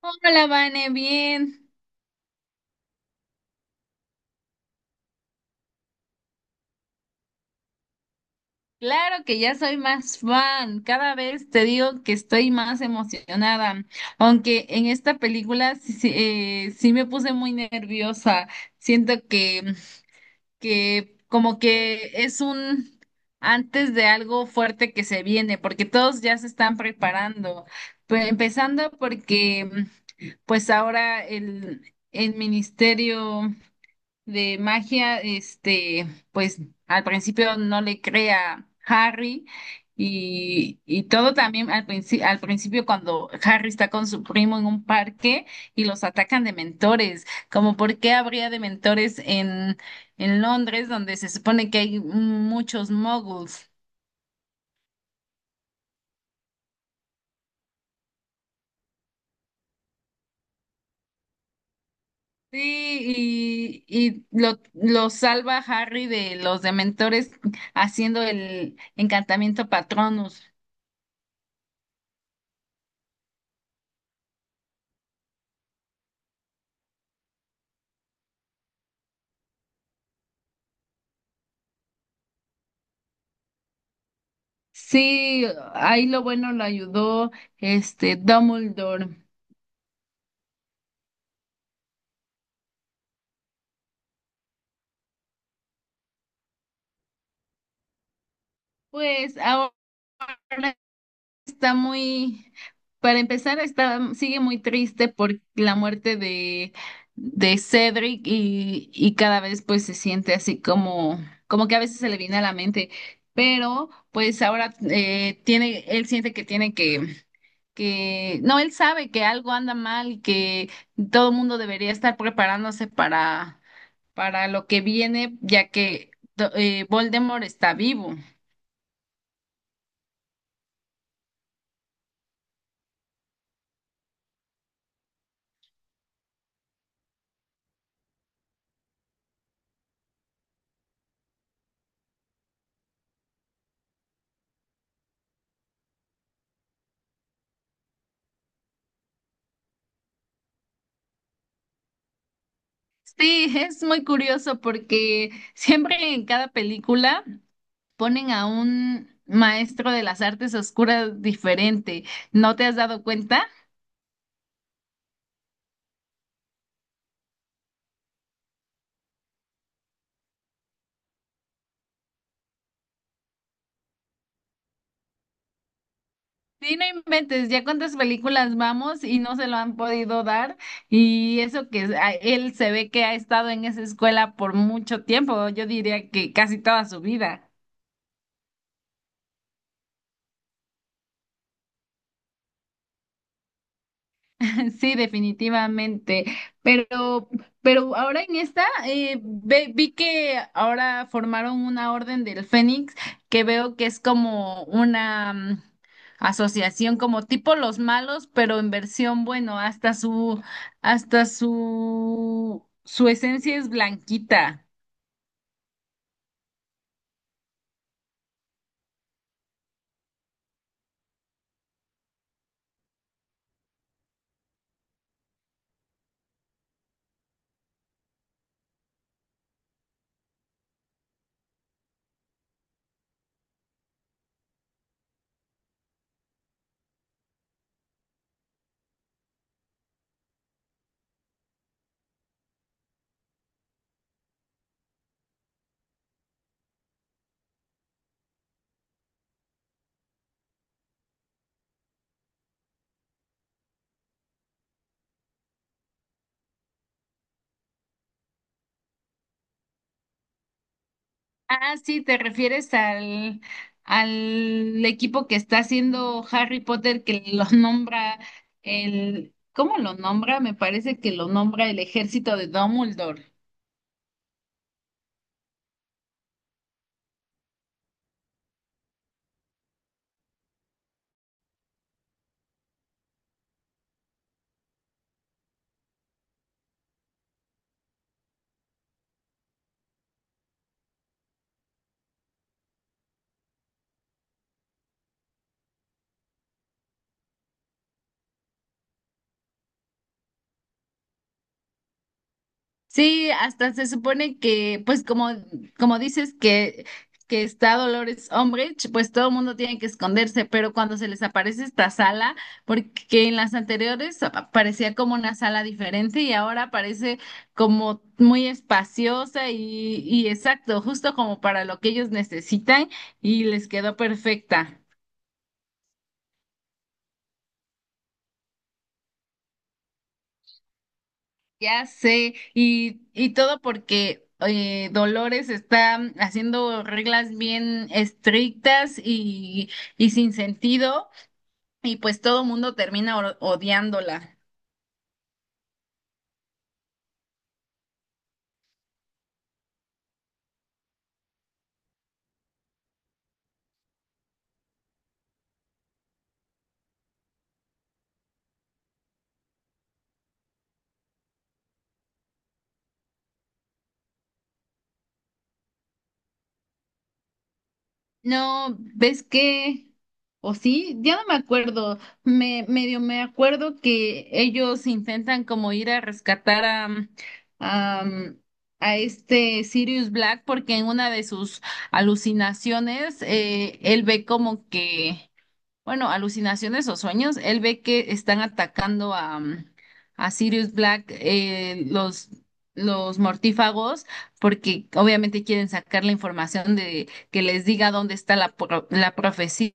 Hola, Vane, bien. Claro que ya soy más fan. Cada vez te digo que estoy más emocionada. Aunque en esta película sí me puse muy nerviosa. Siento que como que es un antes de algo fuerte que se viene, porque todos ya se están preparando. Empezando porque pues ahora el ministerio de magia, pues al principio no le crea Harry y todo también al principio cuando Harry está con su primo en un parque y los atacan de mentores, como por qué habría de mentores en Londres donde se supone que hay muchos muggles. Sí, y lo salva Harry de los dementores haciendo el encantamiento Patronus. Sí, ahí lo bueno lo ayudó este Dumbledore. Pues ahora está muy, para empezar, está, sigue muy triste por la muerte de Cedric y cada vez pues se siente así como, como que a veces se le viene a la mente, pero pues ahora tiene, él siente que tiene que no, él sabe que algo anda mal y que todo el mundo debería estar preparándose para lo que viene, ya que Voldemort está vivo. Sí, es muy curioso porque siempre en cada película ponen a un maestro de las artes oscuras diferente. ¿No te has dado cuenta? Sí, no inventes, ya cuántas películas vamos y no se lo han podido dar. Y eso que él se ve que ha estado en esa escuela por mucho tiempo, yo diría que casi toda su vida. Sí, definitivamente. Pero, pero ahora en esta vi que ahora formaron una Orden del Fénix que veo que es como una asociación como tipo los malos, pero en versión bueno, hasta su esencia es blanquita. Ah, sí, te refieres al equipo que está haciendo Harry Potter que lo nombra el, ¿cómo lo nombra? Me parece que lo nombra el ejército de Dumbledore. Sí, hasta se supone que, pues como dices que está Dolores Umbridge, pues todo el mundo tiene que esconderse, pero cuando se les aparece esta sala, porque en las anteriores parecía como una sala diferente y ahora parece como muy espaciosa y exacto, justo como para lo que ellos necesitan y les quedó perfecta. Ya sé, y todo porque Dolores está haciendo reglas bien estrictas y sin sentido, y pues todo el mundo termina odiándola. No, ¿ves qué? ¿O sí? Ya no me acuerdo. Me medio me acuerdo que ellos intentan como ir a rescatar a, a este Sirius Black porque en una de sus alucinaciones él ve como que bueno, alucinaciones o sueños, él ve que están atacando a Sirius Black, los mortífagos, porque obviamente quieren sacar la información de que les diga dónde está la profecía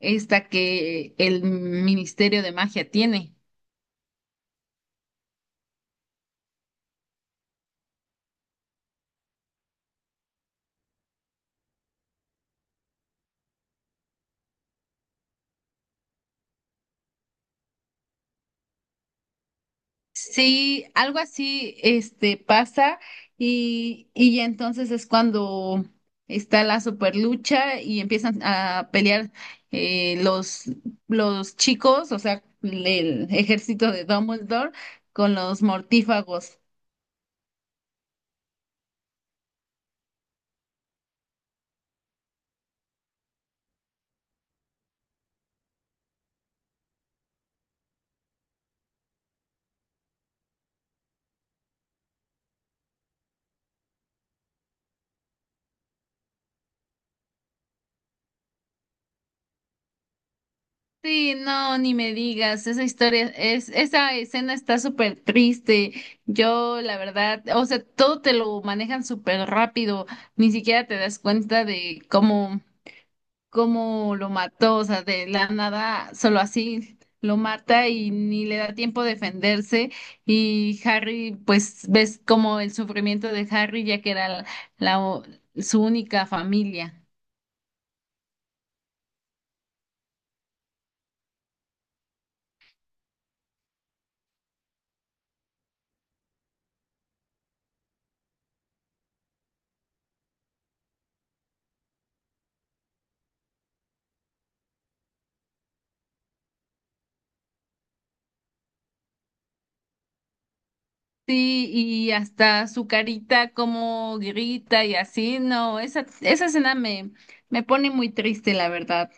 esta que el Ministerio de Magia tiene. Sí, algo así, pasa y ya entonces es cuando está la super lucha y empiezan a pelear eh, los, los chicos, o sea, el ejército de Dumbledore con los mortífagos. Sí, no, ni me digas, esa historia es, esa escena está súper triste. Yo, la verdad, o sea, todo te lo manejan súper rápido, ni siquiera te das cuenta de cómo lo mató, o sea, de la nada, solo así lo mata y ni le da tiempo a defenderse. Y Harry, pues ves como el sufrimiento de Harry, ya que era la- su única familia. Sí, y hasta su carita como grita y así, no, esa escena me pone muy triste, la verdad.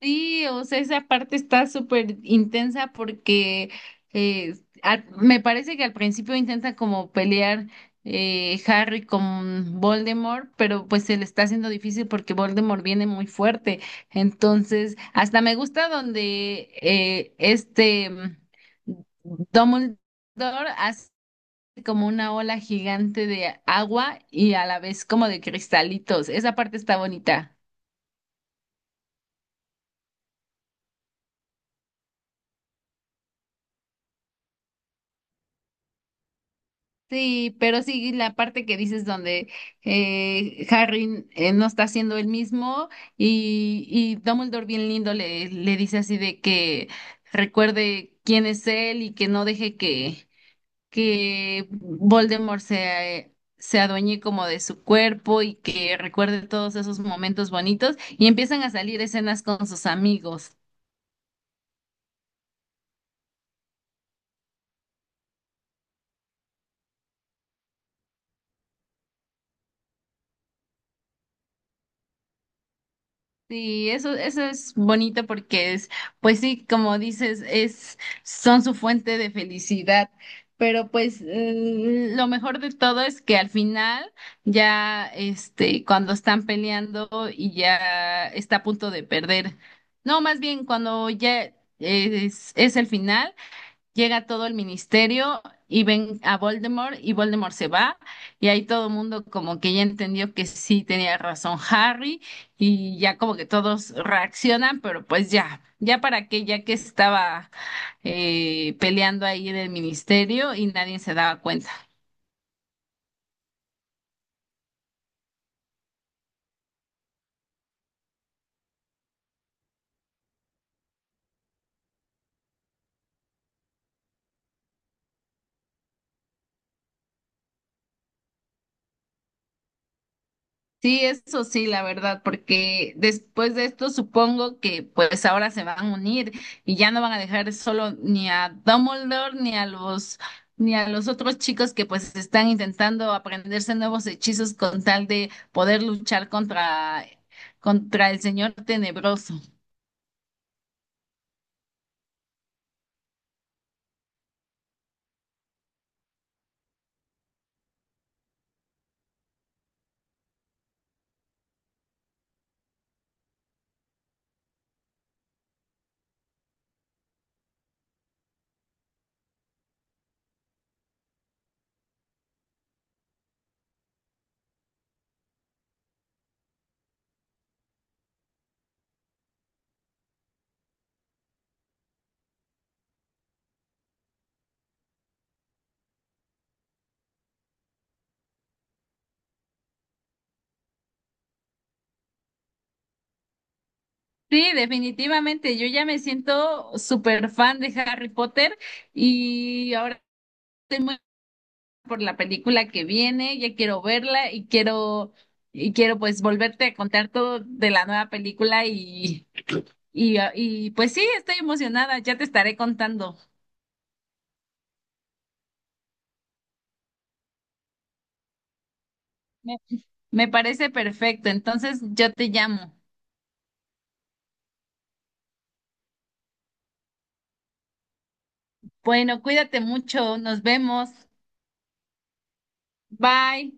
Sí, o sea, esa parte está súper intensa porque eh, me parece que al principio intenta como pelear Harry con Voldemort, pero pues se le está haciendo difícil porque Voldemort viene muy fuerte. Entonces, hasta me gusta donde Dumbledore hace como una ola gigante de agua y a la vez como de cristalitos. Esa parte está bonita. Sí, pero sí, la parte que dices donde Harry no está siendo el mismo y Dumbledore bien lindo le dice así de que recuerde quién es él y que no deje que Voldemort se adueñe como de su cuerpo y que recuerde todos esos momentos bonitos y empiezan a salir escenas con sus amigos. Sí, eso es bonito porque pues sí, como dices, son su fuente de felicidad. Pero pues lo mejor de todo es que al final, ya este, cuando están peleando y ya está a punto de perder. No, más bien cuando ya es el final, llega todo el ministerio y ven a Voldemort y Voldemort se va y ahí todo el mundo como que ya entendió que sí tenía razón Harry y ya como que todos reaccionan, pero pues ya para qué, ya que estaba peleando ahí en el ministerio y nadie se daba cuenta. Sí, eso sí, la verdad, porque después de esto supongo que pues ahora se van a unir y ya no van a dejar solo ni a Dumbledore ni a los otros chicos que pues están intentando aprenderse nuevos hechizos con tal de poder luchar contra el Señor Tenebroso. Sí, definitivamente, yo ya me siento súper fan de Harry Potter y ahora estoy muy por la película que viene, ya quiero verla y quiero pues volverte a contar todo de la nueva película ah, y pues sí, estoy emocionada, ya te estaré contando. Me, Me parece perfecto, entonces yo te llamo. Bueno, cuídate mucho, nos vemos. Bye.